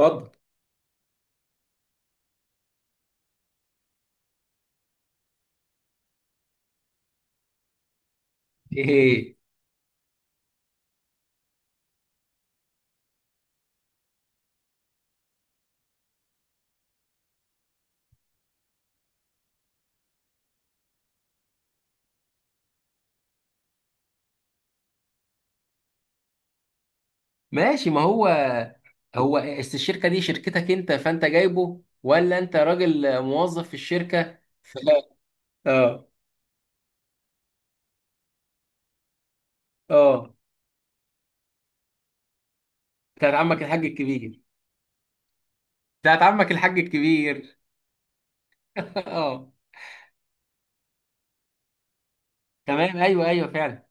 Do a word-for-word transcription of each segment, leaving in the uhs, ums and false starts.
اتفضل. ايه، ماشي. ما هو هو است- الشركه دي شركتك انت فانت جايبه، ولا انت راجل موظف في الشركه ف- اه اه بتاعت عمك الحاج الكبير. بتاعت عمك الحاج الكبير اه. تمام، ايوه ايوه فعلا.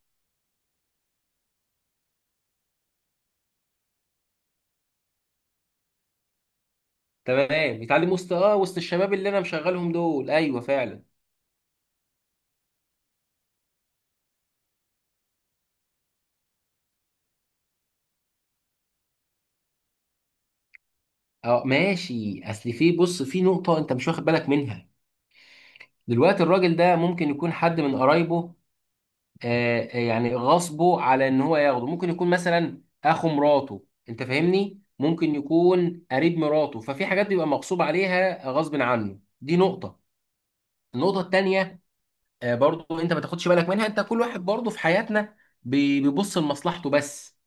تمام، بيتعلم وسط اه وسط الشباب اللي انا مشغلهم دول، ايوه فعلا. اه ماشي، اصل في، بص، في نقطه انت مش واخد بالك منها. دلوقتي الراجل ده ممكن يكون حد من قرايبه، آه، آه، يعني غصبه على ان هو ياخده. ممكن يكون مثلا اخو مراته، انت فاهمني، ممكن يكون قريب مراته، ففي حاجات بيبقى مغصوب عليها غصب عنه. دي نقطة. النقطة التانية، آه، برضو انت ما تاخدش بالك منها: انت كل واحد برضو في حياتنا بي- بيبص لمصلحته بس.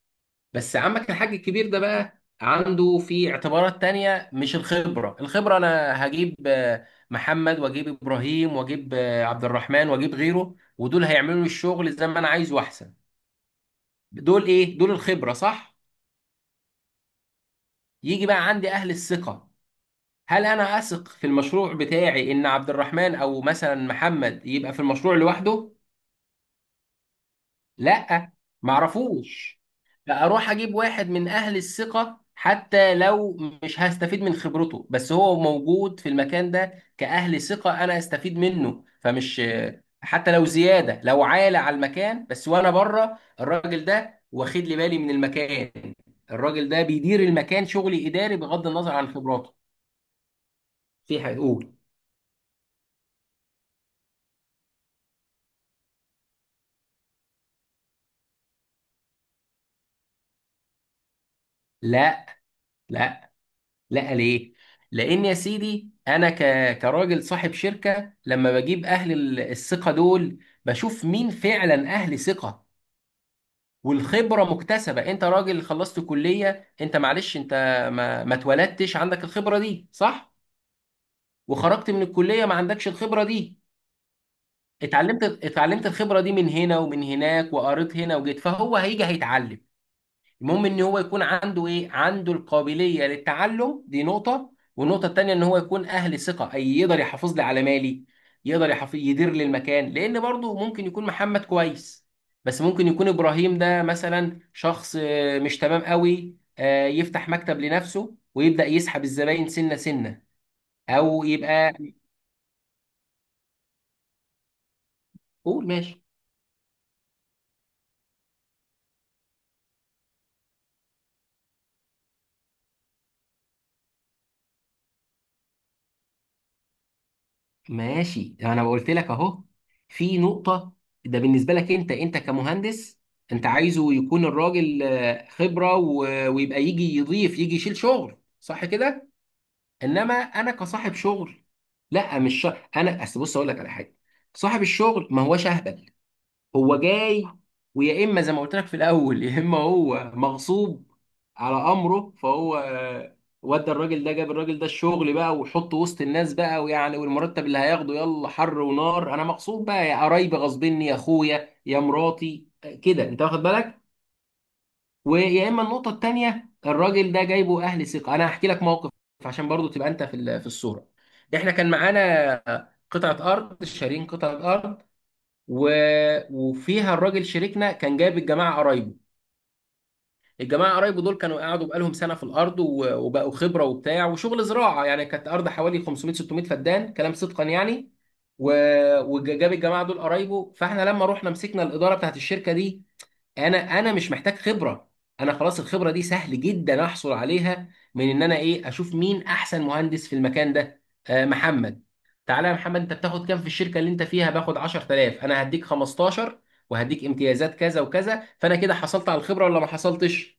بس عمك الحاج الكبير ده بقى عنده في اعتبارات تانية مش الخبرة. الخبرة انا هجيب آه، محمد واجيب ابراهيم واجيب آه، عبد الرحمن واجيب غيره، ودول هيعملوا لي الشغل زي ما انا عايزه احسن. دول ايه؟ دول الخبرة، صح؟ يجي بقى عندي اهل الثقة. هل انا اثق في المشروع بتاعي ان عبد الرحمن او مثلا محمد يبقى في المشروع لوحده؟ لا، معرفوش. فاروح اجيب واحد من اهل الثقه، حتى لو مش هستفيد من خبرته، بس هو موجود في المكان ده كاهل ثقه انا استفيد منه. فمش، حتى لو زياده، لو عالي على المكان، بس وانا بره الراجل ده واخد لي بالي من المكان. الراجل ده بيدير المكان شغلي اداري بغض النظر عن خبراته. في حقوق. لا، لا، لا، ليه؟ لأن يا سيدي أنا ك... كراجل صاحب شركة، لما بجيب أهل ال- الثقة دول، بشوف مين فعلا أهل ثقة. والخبرة مكتسبة، أنت راجل خلصت كلية، أنت معلش أنت ما, ما اتولدتش عندك الخبرة دي، صح؟ وخرجت من الكلية ما عندكش الخبرة دي. اتعلمت اتعلمت الخبرة دي من هنا ومن هناك وقريت هنا وجيت، فهو هيجي هيتعلم. المهم ان هو يكون عنده ايه؟ عنده القابليه للتعلم، دي نقطه. والنقطه التانيه ان هو يكون اهل ثقه، اي يقدر يحافظ لي على مالي، يقدر يحافظ يدير لي المكان. لان برضه ممكن يكون محمد كويس، بس ممكن يكون ابراهيم ده مثلا شخص آه، مش تمام قوي، آه، يفتح مكتب لنفسه ويبدا يسحب الزباين سنه سنه، او يبقى. قول، ماشي. ماشي، انا قلت لك اهو في نقطة: ده بالنسبة لك، انت انت كمهندس، انت عايزه يكون الراجل آه، خبرة و- ويبقى يجي يضيف، يجي يشيل شغل، صح كده؟ انما انا كصاحب شغل، لا، مش شا... انا اصل بص اقول لك على حاجة: صاحب الشغل ما هوش اهبل. هو جاي ويا اما زي ما قلت لك في الاول، يا اما هو مغصوب على امره، فهو آه، ودى الراجل ده، جاب الراجل ده الشغل بقى وحطه وسط الناس بقى، ويعني والمرتب اللي هياخده يلا حر ونار، انا مغصوب بقى، يا قرايبي غصبني، يا اخويا، يا مراتي، آه، كده، انت واخد بالك. ويا اما النقطه التانيه الراجل ده جايبه اهل ثقه. انا هحكي لك موقف عشان برضو تبقى انت في ال- في الصوره. احنا كان معانا قطعه ارض، شارين قطعه ارض، و... وفيها الراجل شريكنا كان جايب الجماعه قرايبه. الجماعه قرايبه دول كانوا قعدوا بقالهم سنه في الارض، و... وبقوا خبره وبتاع وشغل زراعه، يعني كانت ارض حوالي خمسمائة ستمائة فدان كلام، صدقا يعني، و... وجاب الجماعه دول قرايبه. فاحنا لما رحنا مسكنا الاداره بتاعت الشركه دي، انا انا مش محتاج خبره. انا خلاص الخبره دي سهل جدا احصل عليها من ان انا ايه؟ اشوف مين احسن مهندس في المكان ده. آه محمد، تعالى يا محمد، انت بتاخد كام في الشركه اللي انت فيها؟ باخد عشر تلاف. انا هديك خمستاشر وهديك امتيازات كذا وكذا. فانا كده حصلت على الخبره ولا ما حصلتش؟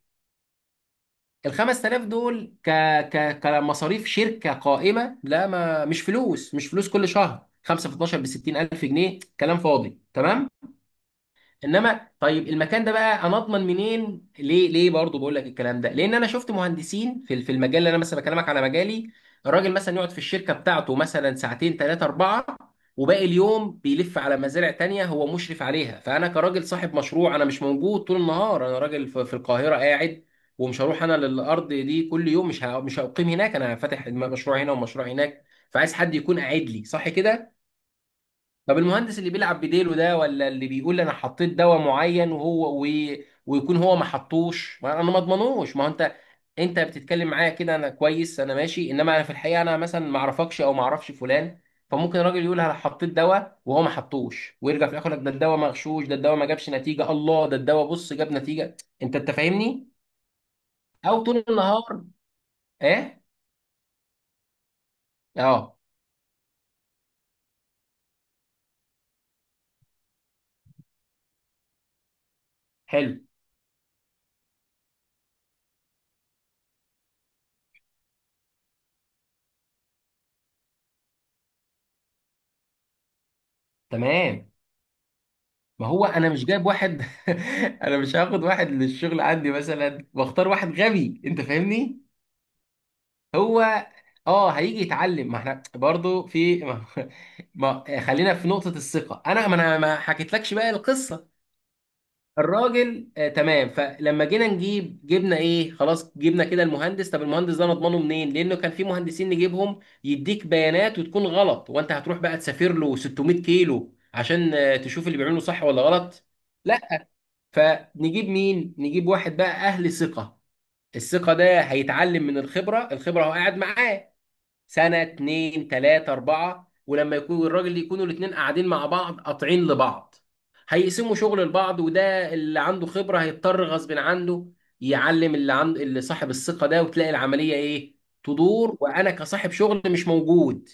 ال خمس تلاف دول ك ك كمصاريف شركه قائمه، لا ما مش فلوس، مش فلوس، كل شهر خمسة في اتناشر ب ستين الف جنيه، كلام فاضي. تمام. انما طيب المكان ده بقى انا اضمن منين؟ ليه ليه برضه بقول لك الكلام ده؟ لان انا شفت مهندسين في في المجال اللي انا مثلا بكلمك على مجالي: الراجل مثلا يقعد في الشركه بتاعته مثلا ساعتين ثلاثه اربعه، وباقي اليوم بيلف على مزارع تانية هو مشرف عليها. فانا كراجل صاحب مشروع انا مش موجود طول النهار، انا راجل في في القاهره قاعد ومش هروح انا للارض دي كل يوم، مش ه- مش هقيم هناك. انا فاتح مشروع هنا ومشروع هناك، فعايز حد يكون قاعد لي، صح كده؟ طب المهندس اللي بيلعب بديله ده، ولا اللي بيقول انا حطيت دواء معين وهو و... ويكون هو ما حطوش، ما انا ما اضمنوش. ما هو انت، انت بتتكلم معايا كده انا كويس انا ماشي، انما انا في الحقيقه انا مثلا ما اعرفكش او ما اعرفش فلان، فممكن الراجل يقول انا حطيت دواء وهو ما حطوش، ويرجع في الاخر يقول لك ده الدواء مغشوش، ده الدواء ما جابش نتيجه. الله، ده الدواء بص جاب نتيجه. انت انت فاهمني؟ او طول النهار. ايه؟ اه. حلو. تمام. ما هو انا مش جايب واحد انا مش هاخد واحد للشغل عندي مثلا واختار واحد غبي، انت فاهمني؟ هو اه هيجي يتعلم، ما احنا برضو في ما... ما... خلينا في نقطة الثقة. انا ما انا ما حكيتلكش بقى القصة. الراجل آه تمام، فلما جينا نجيب جبنا ايه؟ خلاص جبنا كده المهندس. طب المهندس ده نضمنه منين؟ لانه كان في مهندسين نجيبهم يديك بيانات وتكون غلط، وانت هتروح بقى تسافر له 600 كيلو عشان آه، تشوف اللي بيعمله صح ولا غلط. لا. فنجيب مين؟ نجيب واحد بقى أهل ثقة. الثقة ده هيتعلم من الخبرة. الخبرة هو قاعد معاه سنة اتنين تلاتة أربعة، ولما يكون الراجل يكونوا الاتنين قاعدين مع بعض قاطعين لبعض، هيقسموا شغل لبعض، وده اللي عنده خبرة هيضطر غصب عنه يعلم اللي عنده، اللي صاحب الثقة ده، وتلاقي العملية إيه؟ تدور. وأنا كصاحب شغل مش موجود.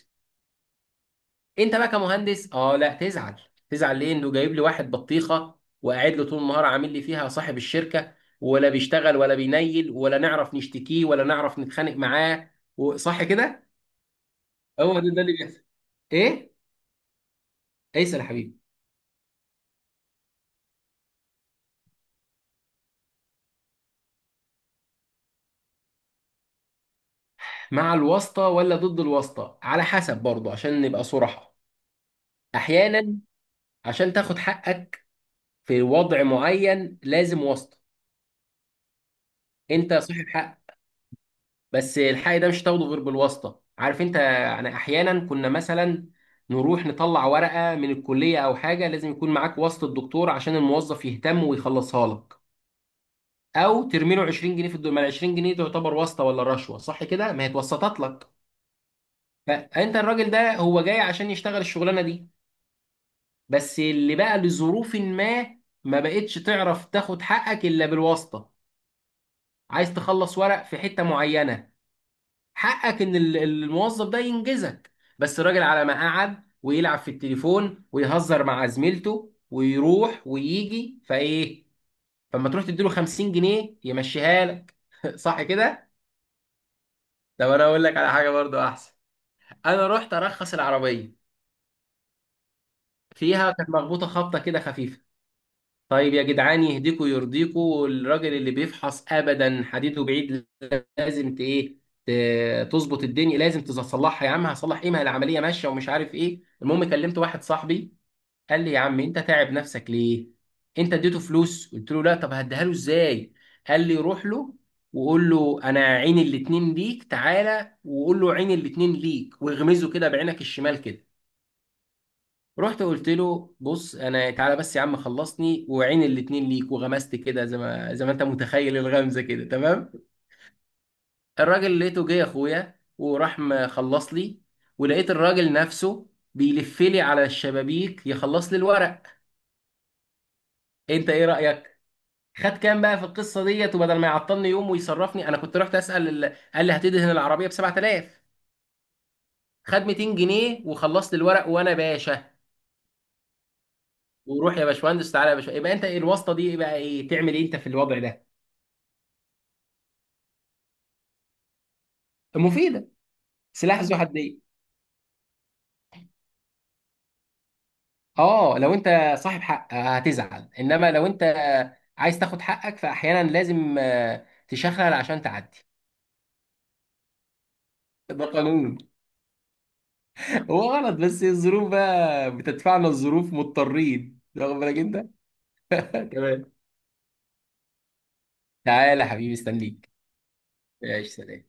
انت بقى كمهندس اه لا تزعل. تزعل ليه انه جايب لي واحد بطيخه وقاعد له طول النهار عامل لي فيها صاحب الشركه، ولا بيشتغل ولا بينيل، ولا نعرف نشتكيه ولا نعرف نتخانق معاه، وصح كده. هو ده ده اللي بيحصل. ايه؟ ايسر يا حبيبي. مع الواسطه ولا ضد الواسطه على حسب برضه عشان نبقى صراحه. احيانا، عشان تاخد حقك في وضع معين لازم واسطه. انت صاحب حق، بس الحق ده مش هتاخده غير بالواسطه، عارف انت يعني؟ احيانا كنا مثلا نروح نطلع ورقه من الكليه او حاجه، لازم يكون معاك واسطه الدكتور عشان الموظف يهتم ويخلصها لك، او ترمي له عشرين جنيه في الدول ما. ال عشرين جنيه دي تعتبر واسطه ولا رشوه؟ صح كده، ما هي اتوسطت لك. فانت الراجل ده هو جاي عشان يشتغل الشغلانه دي، بس اللي بقى لظروف ما، ما بقتش تعرف تاخد حقك الا بالواسطه. عايز تخلص ورق في حته معينه، حقك ان ال- الموظف ده ينجزك، بس الراجل على ما قعد ويلعب في التليفون ويهزر مع زميلته ويروح ويجي فايه، فما تروح تديله خمسين جنيه يمشيها لك صح كده؟ طب انا اقول لك على حاجه برضو احسن. انا رحت ارخص العربيه، فيها كانت مخبوطه خبطه كده خفيفه. طيب يا جدعان يهديكوا يرضيكوا الراجل اللي بيفحص ابدا حديده بعيد، لازم ت- ايه ت- تظبط الدنيا، لازم تصلحها يا عم. هصلح ايه ما هي العمليه ماشيه ومش عارف ايه. المهم كلمت واحد صاحبي قال لي يا عم انت تعب نفسك ليه؟ انت اديته فلوس؟ قلت له لا. طب هديها له ازاي؟ قال لي روح له وقول له انا عين الاتنين ليك، تعالى وقول له عين الاتنين ليك، واغمزه كده بعينك الشمال كده. رحت قلت له بص انا تعالى بس يا عم خلصني وعين الاتنين ليك، وغمزت كده زي ما زي ما انت متخيل الغمزه كده تمام. الراجل لقيته جه يا اخويا وراح مخلص لي، ولقيت الراجل نفسه بيلف لي على الشبابيك يخلص لي الورق. انت ايه رأيك؟ خد كام بقى في القصة ديت؟ وبدل ما يعطلني يوم ويصرفني، انا كنت رحت اسأل ال- قال لي هتدهن العربية ب سبعة آلاف. خد ميتين جنيه وخلصت الورق وانا باشا، وروح يا باشمهندس، تعالى يا باشا. يبقى انت ايه الواسطة دي بقى؟ ايه تعمل ايه انت في الوضع ده؟ مفيدة. سلاح ذو حدين. اه لو انت صاحب حق آه، هتزعل، انما لو انت عايز تاخد حقك فاحيانا لازم آه، تشخلل عشان تعدي. ده قانون. هو غلط، بس الظروف بقى بتدفعنا، الظروف مضطرين، واخد بالك انت؟ تمام، تعالى يا حبيبي استنيك. ماشي، سلام.